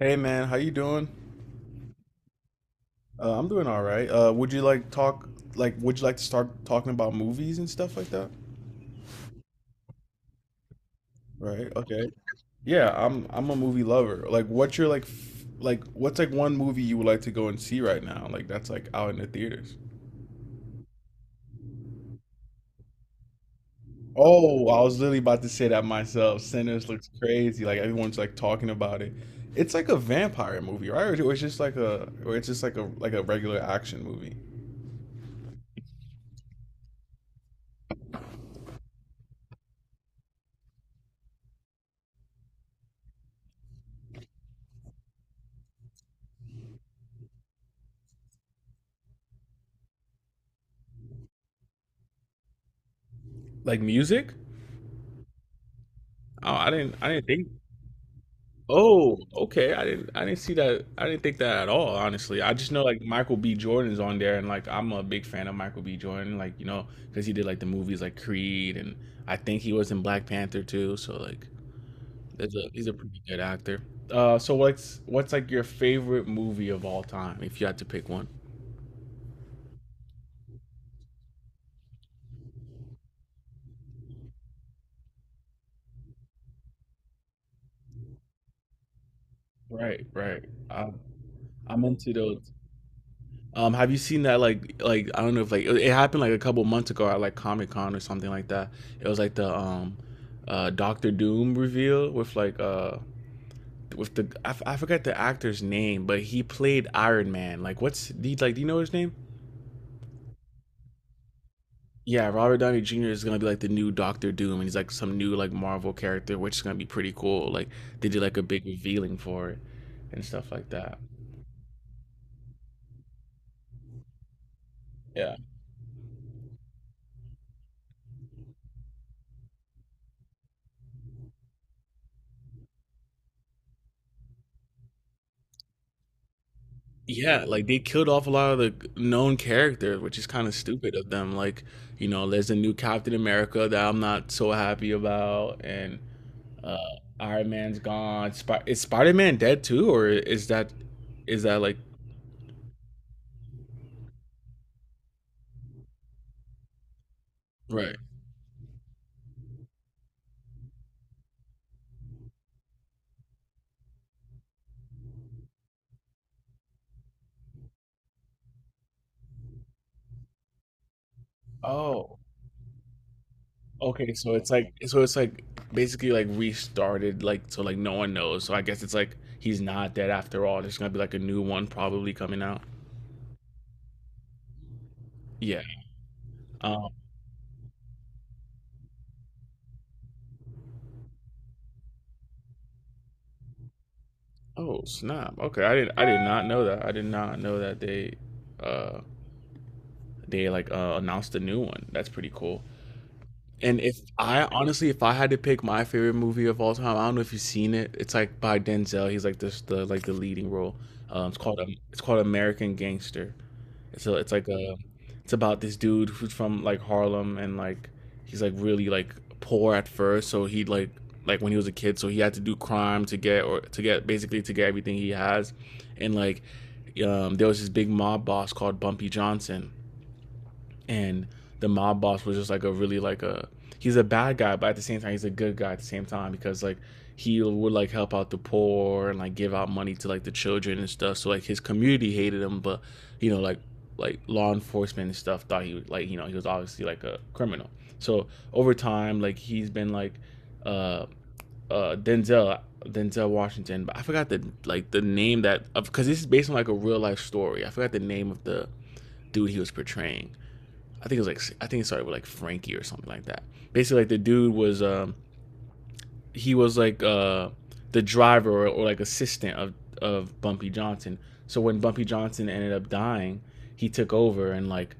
Hey man, how you doing? I'm doing all right. Would you like to start talking about movies and stuff like that? Right. Okay. Yeah, I'm a movie lover. What's like one movie you would like to go and see right now? Like that's like out in the theaters. Oh, I was literally about to say that myself. Sinners looks crazy. Like everyone's like talking about it. It's like a vampire movie, right? Or it's just like a regular action movie. Like music? Oh, I didn't think. Oh, okay. I didn't see that. I didn't think that at all, honestly. I just know like Michael B. Jordan's on there and like I'm a big fan of Michael B. Jordan, like, you know, because he did like the movies like Creed, and I think he was in Black Panther too, so like there's a he's a pretty good actor. So what's like your favorite movie of all time if you had to pick one? Right, right. Um, I'm into those. Have you seen that like I don't know if like it happened like a couple months ago at like Comic Con or something like that? It was like the Doctor Doom reveal with like with the I, f- I forgot the actor's name, but he played Iron Man. Like what's he like Do you know his name? Yeah, Robert Downey Jr. is gonna be like the new Doctor Doom, and he's like some new like Marvel character, which is gonna be pretty cool. Like they did like a big revealing for it and stuff like that. Yeah. Yeah, like they killed off a lot of the known characters, which is kind of stupid of them. Like, you know, there's a new Captain America that I'm not so happy about, and uh Iron Man's gone. Is Spider Man dead too, or is that like, right? Oh, okay. So it's like basically like restarted, like so like no one knows. So I guess it's like he's not dead after all. There's gonna be like a new one probably coming out. Yeah. um, Oh snap! Okay, I did not know that. I did not know that uh, they like announced a new one. That's pretty cool. And if I honestly, if I had to pick my favorite movie of all time, I don't know if you've seen it. It's like by Denzel. He's like the leading role. It's called American Gangster. So it's like a, it's about this dude who's from like Harlem and like he's like really like poor at first. So he like when he was a kid, so he had to do crime to get, or to get basically to get everything he has, and like there was this big mob boss called Bumpy Johnson, and the mob boss was just like a really like a, he's a bad guy, but at the same time he's a good guy at the same time because like he would like help out the poor and like give out money to like the children and stuff. So like his community hated him, but you know like law enforcement and stuff thought he was, like you know, he was obviously like a criminal. So over time like he's been like uh Denzel Washington, but I forgot the like the name that, because this is based on like a real life story. I forgot the name of the dude he was portraying. I think it started with like Frankie or something like that. Basically, like the dude was he was like the driver, or like assistant of Bumpy Johnson. So when Bumpy Johnson ended up dying, he took over and like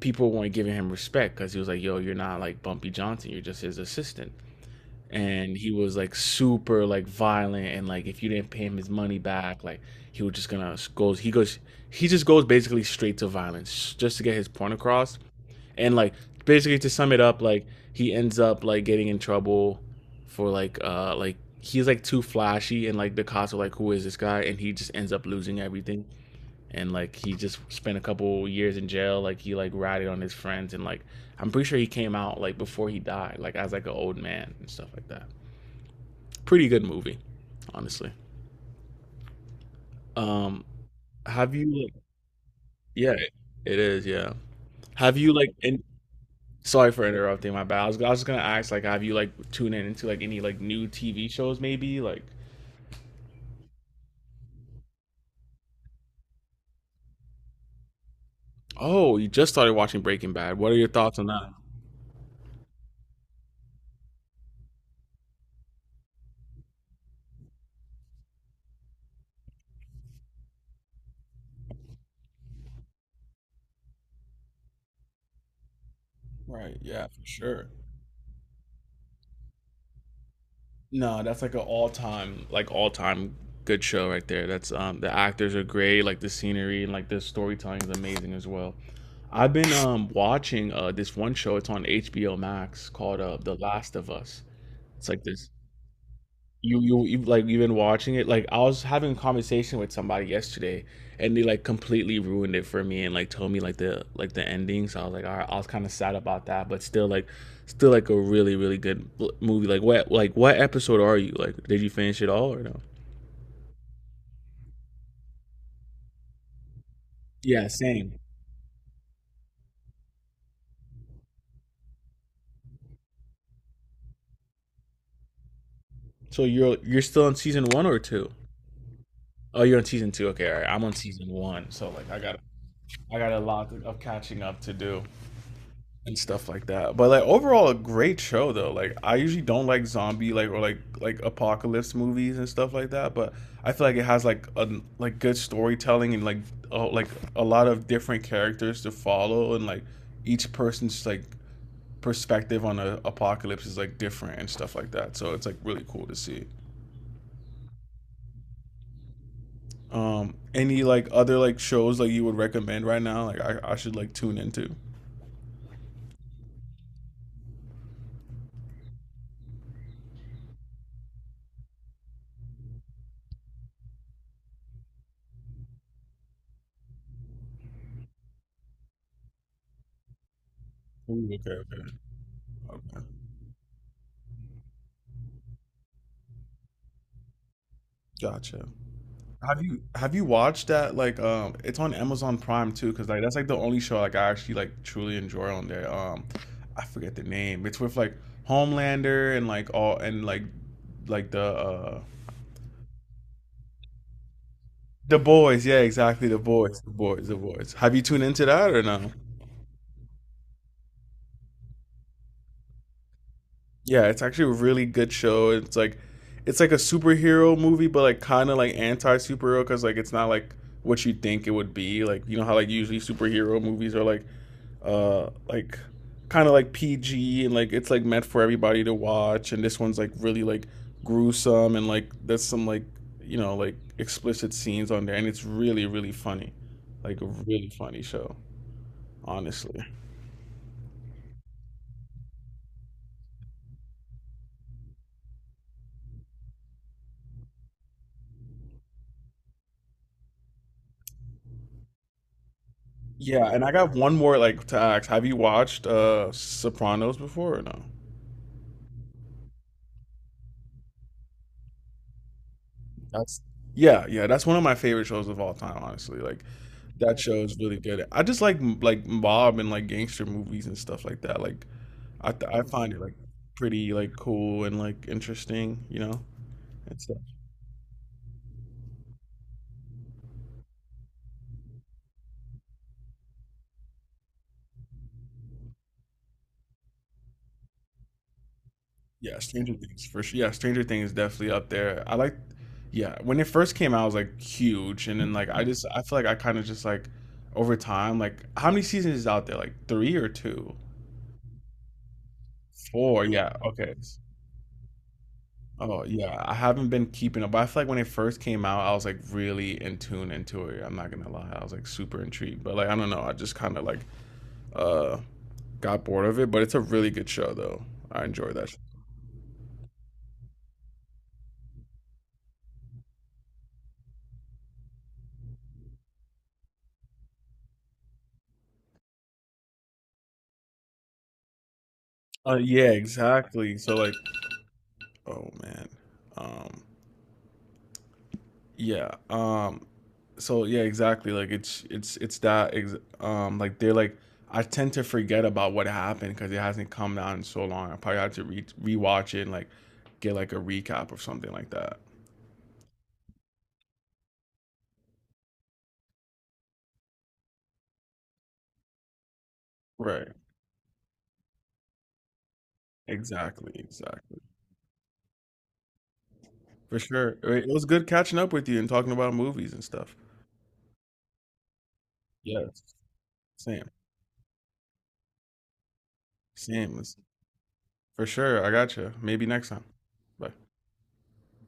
people weren't giving him respect because he was like, "Yo, you're not like Bumpy Johnson. You're just his assistant." And he was like super like violent, and like if you didn't pay him his money back, like he was just gonna goes he just goes basically straight to violence just to get his point across, and like basically to sum it up, like he ends up like getting in trouble for like he's like too flashy, and like the cops are like who is this guy, and he just ends up losing everything, and like he just spent a couple years in jail, like he like ratted on his friends, and like I'm pretty sure he came out like before he died like as like an old man and stuff like that. Pretty good movie, honestly. Um have you like Yeah, it is, yeah. have you like in, Sorry for interrupting. My bad. I was just gonna ask, like, have you like tuned in into like any like new TV shows, maybe? Like, oh, you just started watching Breaking Bad. What are your thoughts on that? Right. Yeah, for sure. No, that's like an all-time good show right there. That's The actors are great. Like the scenery and like the storytelling is amazing as well. I've been watching this one show. It's on HBO Max, called The Last of Us. It's like this, you like you've been watching it, like I was having a conversation with somebody yesterday and they like completely ruined it for me and like told me like the ending, so I was like all right, I was kind of sad about that, but still like a really really good movie. Like what episode are you like? Did you finish it all or no? Yeah, same. So you're still on season one or two? Oh, you're on season two, okay, all right, I'm on season one, so like I got a lot of catching up to do and stuff like that. But like overall, a great show though. Like I usually don't like zombie like or like apocalypse movies and stuff like that. But I feel like it has like a like good storytelling and like oh like a lot of different characters to follow and like each person's like perspective on a apocalypse is like different and stuff like that. So it's like really cool to see. Any like other like shows like you would recommend right now? Like I should like tune into. Ooh, okay, okay, okay. Gotcha. Have you watched that? Like, it's on Amazon Prime too, because like that's like the only show like I actually like truly enjoy on there. I forget the name. It's with like Homelander and like all and like the boys. Yeah, exactly. The boys. The boys. The boys. Have you tuned into that or no? Yeah, it's actually a really good show. It's like a superhero movie, but like kind of like anti superhero, because like it's not like what you think it would be. Like you know how like usually superhero movies are like kind of like PG, and like it's like meant for everybody to watch, and this one's like really like gruesome and like there's some like you know like explicit scenes on there, and it's really really funny. Like a really funny show, honestly. Yeah, and I got one more like to ask. Have you watched Sopranos before or no? That's Yeah, yeah. That's one of my favorite shows of all time, honestly. Like that show is really good. I just like like mob and like gangster movies and stuff like that. Like I find it like pretty like cool and like interesting, you know, and stuff. Yeah, Stranger Things for sure. Yeah, Stranger Things definitely up there. Yeah, when it first came out, it was like huge, and then like I feel like I kind of just like over time, like how many seasons is out there? Like three or two, four? Yeah, okay. Oh yeah, I haven't been keeping up. But I feel like when it first came out, I was like really in tune into it. I'm not gonna lie, I was like super intrigued. But like I don't know, I just kind of like uh got bored of it, but it's a really good show though. I enjoy that show. Yeah, exactly. So like, oh man, um, yeah, um, exactly. Like it's it's that like they're like I tend to forget about what happened because it hasn't come down in so long. I probably have to re rewatch it and like get like a recap or something like that. Right. Exactly. Exactly. For sure. It was good catching up with you and talking about movies and stuff. Yes. Same. Same. For sure. I got you. Maybe next time. Bye.